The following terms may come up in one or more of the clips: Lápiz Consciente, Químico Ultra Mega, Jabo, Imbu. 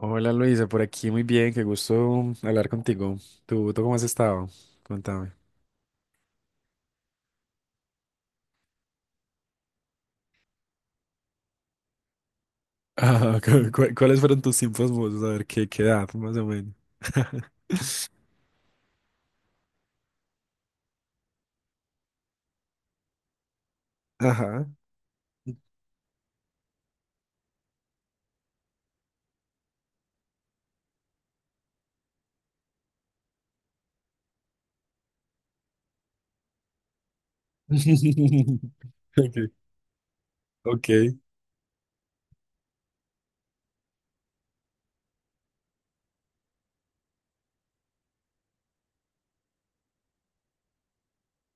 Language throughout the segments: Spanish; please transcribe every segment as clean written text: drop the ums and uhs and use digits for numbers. Hola Luisa, por aquí muy bien, qué gusto hablar contigo. ¿Tú cómo has estado? Contame. Ah, ¿cuáles fueron tus tiempos mozos? A ver, ¿qué edad, más o menos? Ajá. Ok,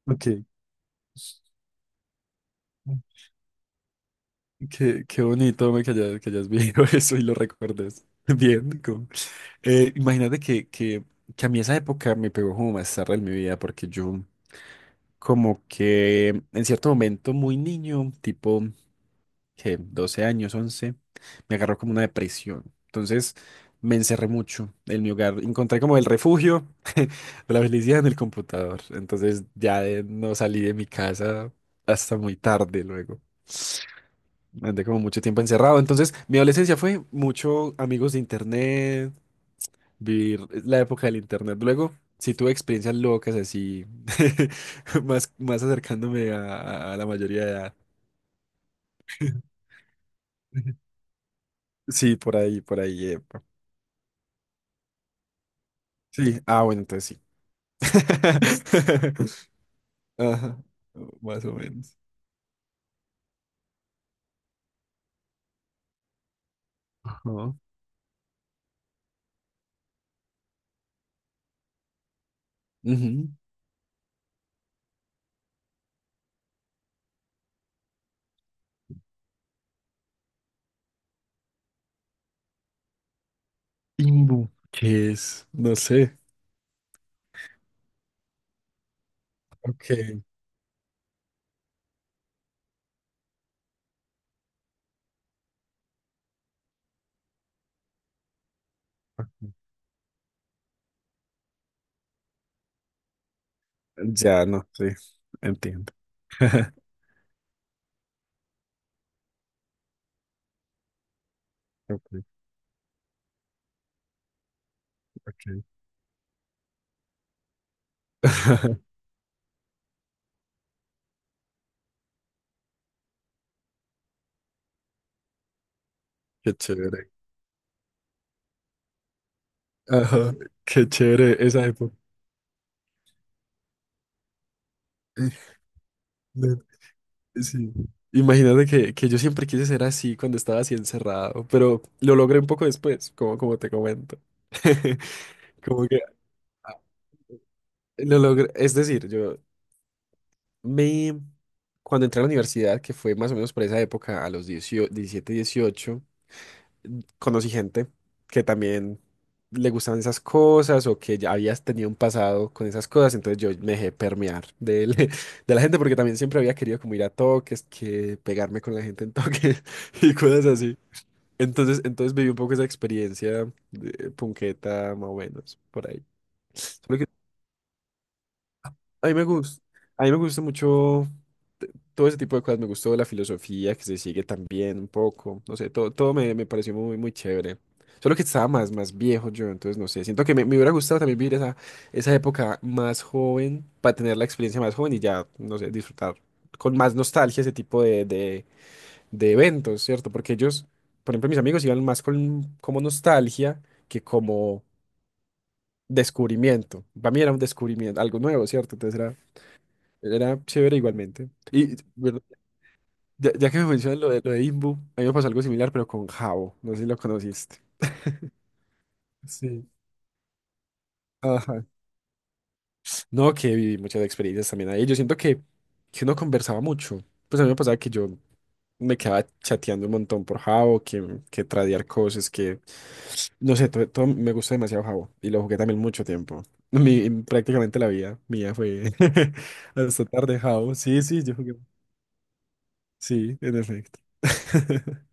ok. Ok. Qué bonito me que hayas vivido eso y lo recuerdes. Bien, imagínate que a mí esa época me pegó como más tarde en mi vida, porque yo como que en cierto momento muy niño, tipo que 12 años, 11 me agarró como una depresión. Entonces me encerré mucho en mi hogar. Encontré como el refugio de la felicidad en el computador. Entonces ya no salí de mi casa hasta muy tarde luego. Andé como mucho tiempo encerrado. Entonces mi adolescencia fue mucho amigos de internet, vivir la época del internet. Luego sí tuve experiencias locas así, más acercándome a la mayoría de edad. Sí, por ahí, por ahí. Sí, ah, bueno, entonces sí. Ajá, más o menos. Ajá. Ujú. Imbu, ¿qué es? No sé. Ok. Ok. Ya, no, sí, entiendo. Ok, ok. Qué chévere. Ajá, qué chévere esa época. Eh, No, Sí. Imagínate que yo siempre quise ser así cuando estaba así encerrado, pero lo logré un poco después, como te comento. Como que ah, lo logré, es decir, Me, cuando entré a la universidad, que fue más o menos por esa época, a los 18, 17, 18, conocí gente que también le gustaban esas cosas o que ya habías tenido un pasado con esas cosas, entonces yo me dejé permear de la gente porque también siempre había querido como ir a toques, que pegarme con la gente en toques y cosas así. Entonces viví un poco esa experiencia de punqueta, más o menos, por ahí. A mí me gusta, a mí me gusta mucho t- todo ese tipo de cosas. Me gustó la filosofía que se sigue también un poco. No sé, todo me pareció muy, muy chévere. Solo que estaba más viejo yo, entonces no sé. Siento que me hubiera gustado también vivir esa época más joven para tener la experiencia más joven y ya, no sé, disfrutar con más nostalgia ese tipo de eventos, ¿cierto? Porque ellos, por ejemplo, mis amigos iban más con como nostalgia que como descubrimiento. Para mí era un descubrimiento, algo nuevo, ¿cierto? Entonces era. Era chévere igualmente. Y bueno, ya que me mencionas lo de Imbu, a mí me pasó algo similar, pero con Jabo. No sé si lo conociste. Sí. Ajá. No, que viví muchas experiencias también ahí. Yo siento que uno conversaba mucho. Pues a mí me pasaba que yo me quedaba chateando un montón por Jabo, que tradear cosas, No sé, todo me gustó demasiado Jabo. Y lo jugué también mucho tiempo. Prácticamente la vida mía fue hasta tarde Jabo. Sí, sí, yo jugué. Sí, en efecto.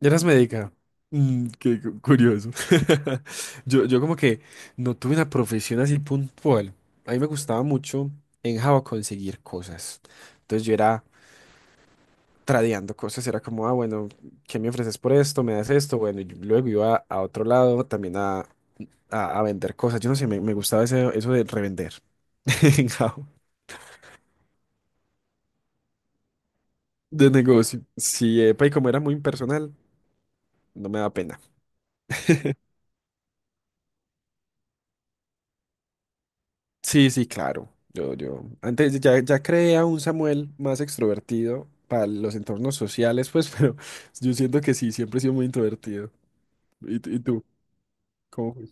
Eras médica. Mm, qué curioso. Yo como que no tuve una profesión así puntual. A mí me gustaba mucho en Java conseguir cosas. Entonces yo era tradeando cosas, era como, ah, bueno, ¿qué me ofreces por esto? ¿Me das esto? Bueno, y luego iba a otro lado también a vender cosas. Yo no sé, me gustaba eso de revender en Java, de negocio. Sí, epa, y como era muy impersonal, no me da pena. Sí, sí, claro. Yo antes ya creé a un Samuel más extrovertido para los entornos sociales, pues, pero yo siento que sí, siempre he sido muy introvertido. ¿Y tú? ¿Cómo fue?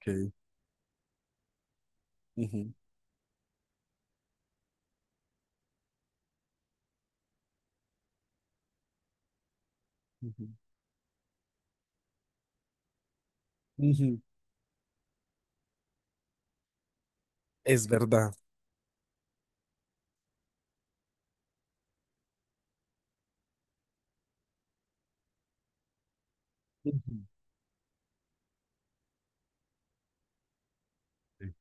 Ok. Ujú, ujú, ujú. Es verdad. Ujú. Sí.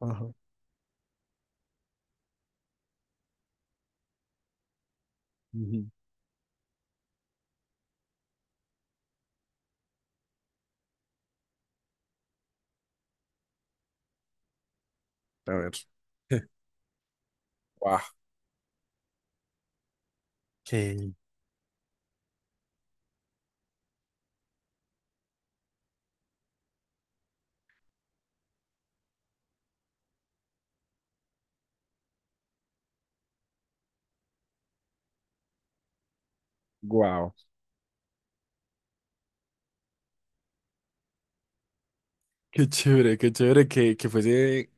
Ajá. Ujú. A ver. Guau. Qué guau. Qué chévere que fuese.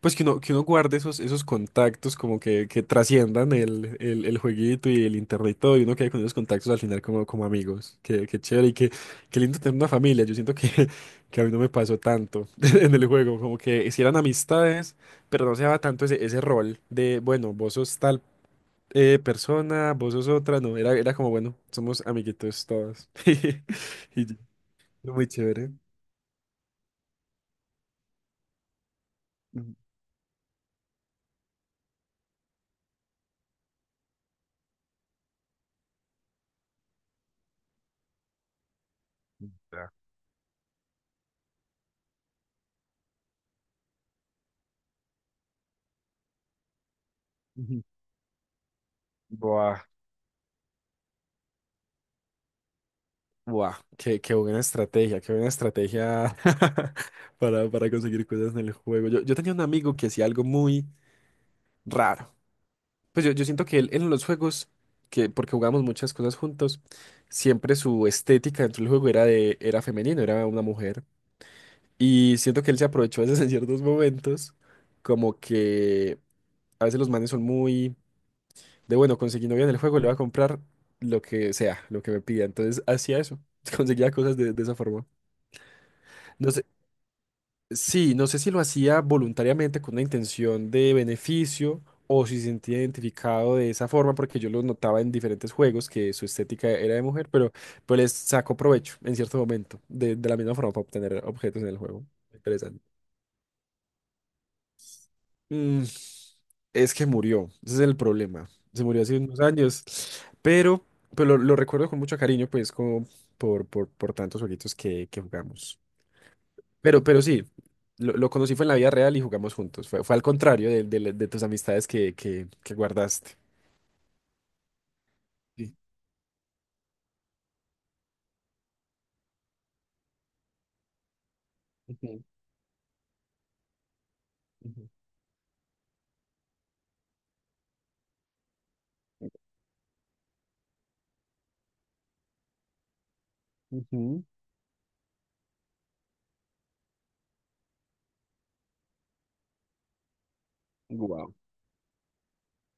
Pues que uno guarde esos contactos como que trasciendan el jueguito y el internet y todo, y uno quede con esos contactos al final como amigos. Qué chévere y qué lindo tener una familia. Yo siento que, que a mí no me pasó tanto en el juego, como que si eran amistades, pero no se daba tanto ese rol de, bueno, vos sos tal persona, vos sos otra, no, era como, bueno, somos amiguitos todos. Y y muy chévere. Mm, ujú. Buah, buah, qué buena estrategia, qué buena estrategia para conseguir cosas en el juego. Yo tenía un amigo que hacía algo muy raro. Pues yo siento que él en los juegos, porque jugamos muchas cosas juntos, siempre su estética dentro del juego era femenino, era una mujer. Y siento que él se aprovechó a veces en ciertos momentos, como que a veces los manes son muy de bueno, conseguí novia en el juego, le voy a comprar lo que sea, lo que me pida. Entonces hacía eso, conseguía cosas de esa forma. No sé. Sí, no sé si lo hacía voluntariamente con una intención de beneficio o si se sentía identificado de esa forma, porque yo lo notaba en diferentes juegos que su estética era de mujer, pero pues les sacó provecho en cierto momento, de la misma forma para obtener objetos en el juego. Interesante. Mm, es que murió, ese es el problema. Se murió hace unos años, pero, pero lo recuerdo con mucho cariño, pues como por tantos jueguitos que jugamos. Pero sí, lo conocí fue en la vida real y jugamos juntos. Fue al contrario de tus amistades que guardaste. Sí. Ujú, ujú. Ujú, guau.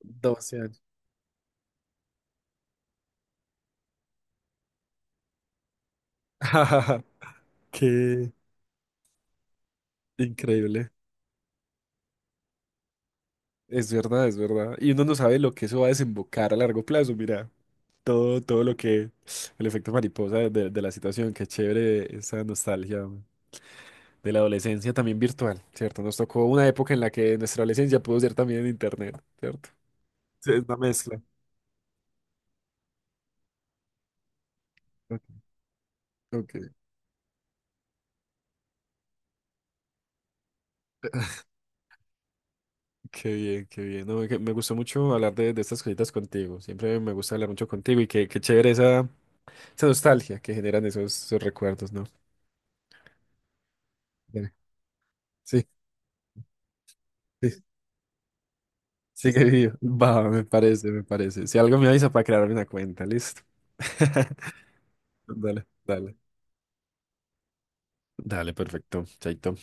12 años. Qué increíble. Es verdad, es verdad. Y uno no sabe lo que eso va a desembocar a largo plazo. Mira, todo lo que, el efecto mariposa de la situación. Qué chévere esa nostalgia de la adolescencia también virtual, ¿cierto? Nos tocó una época en la que nuestra adolescencia pudo ser también en internet, ¿cierto? Sí, es una mezcla. Ok, ok, qué bien, qué bien. No, que me gustó mucho hablar de estas cositas contigo. Siempre me gusta hablar mucho contigo y qué chévere esa nostalgia que generan esos recuerdos, ¿no? Bien. Sí, sí, sigue vivo. Va, me parece, me parece. Si algo me avisa para crearme una cuenta, listo. Dale, dale. Dale, perfecto. Chaito.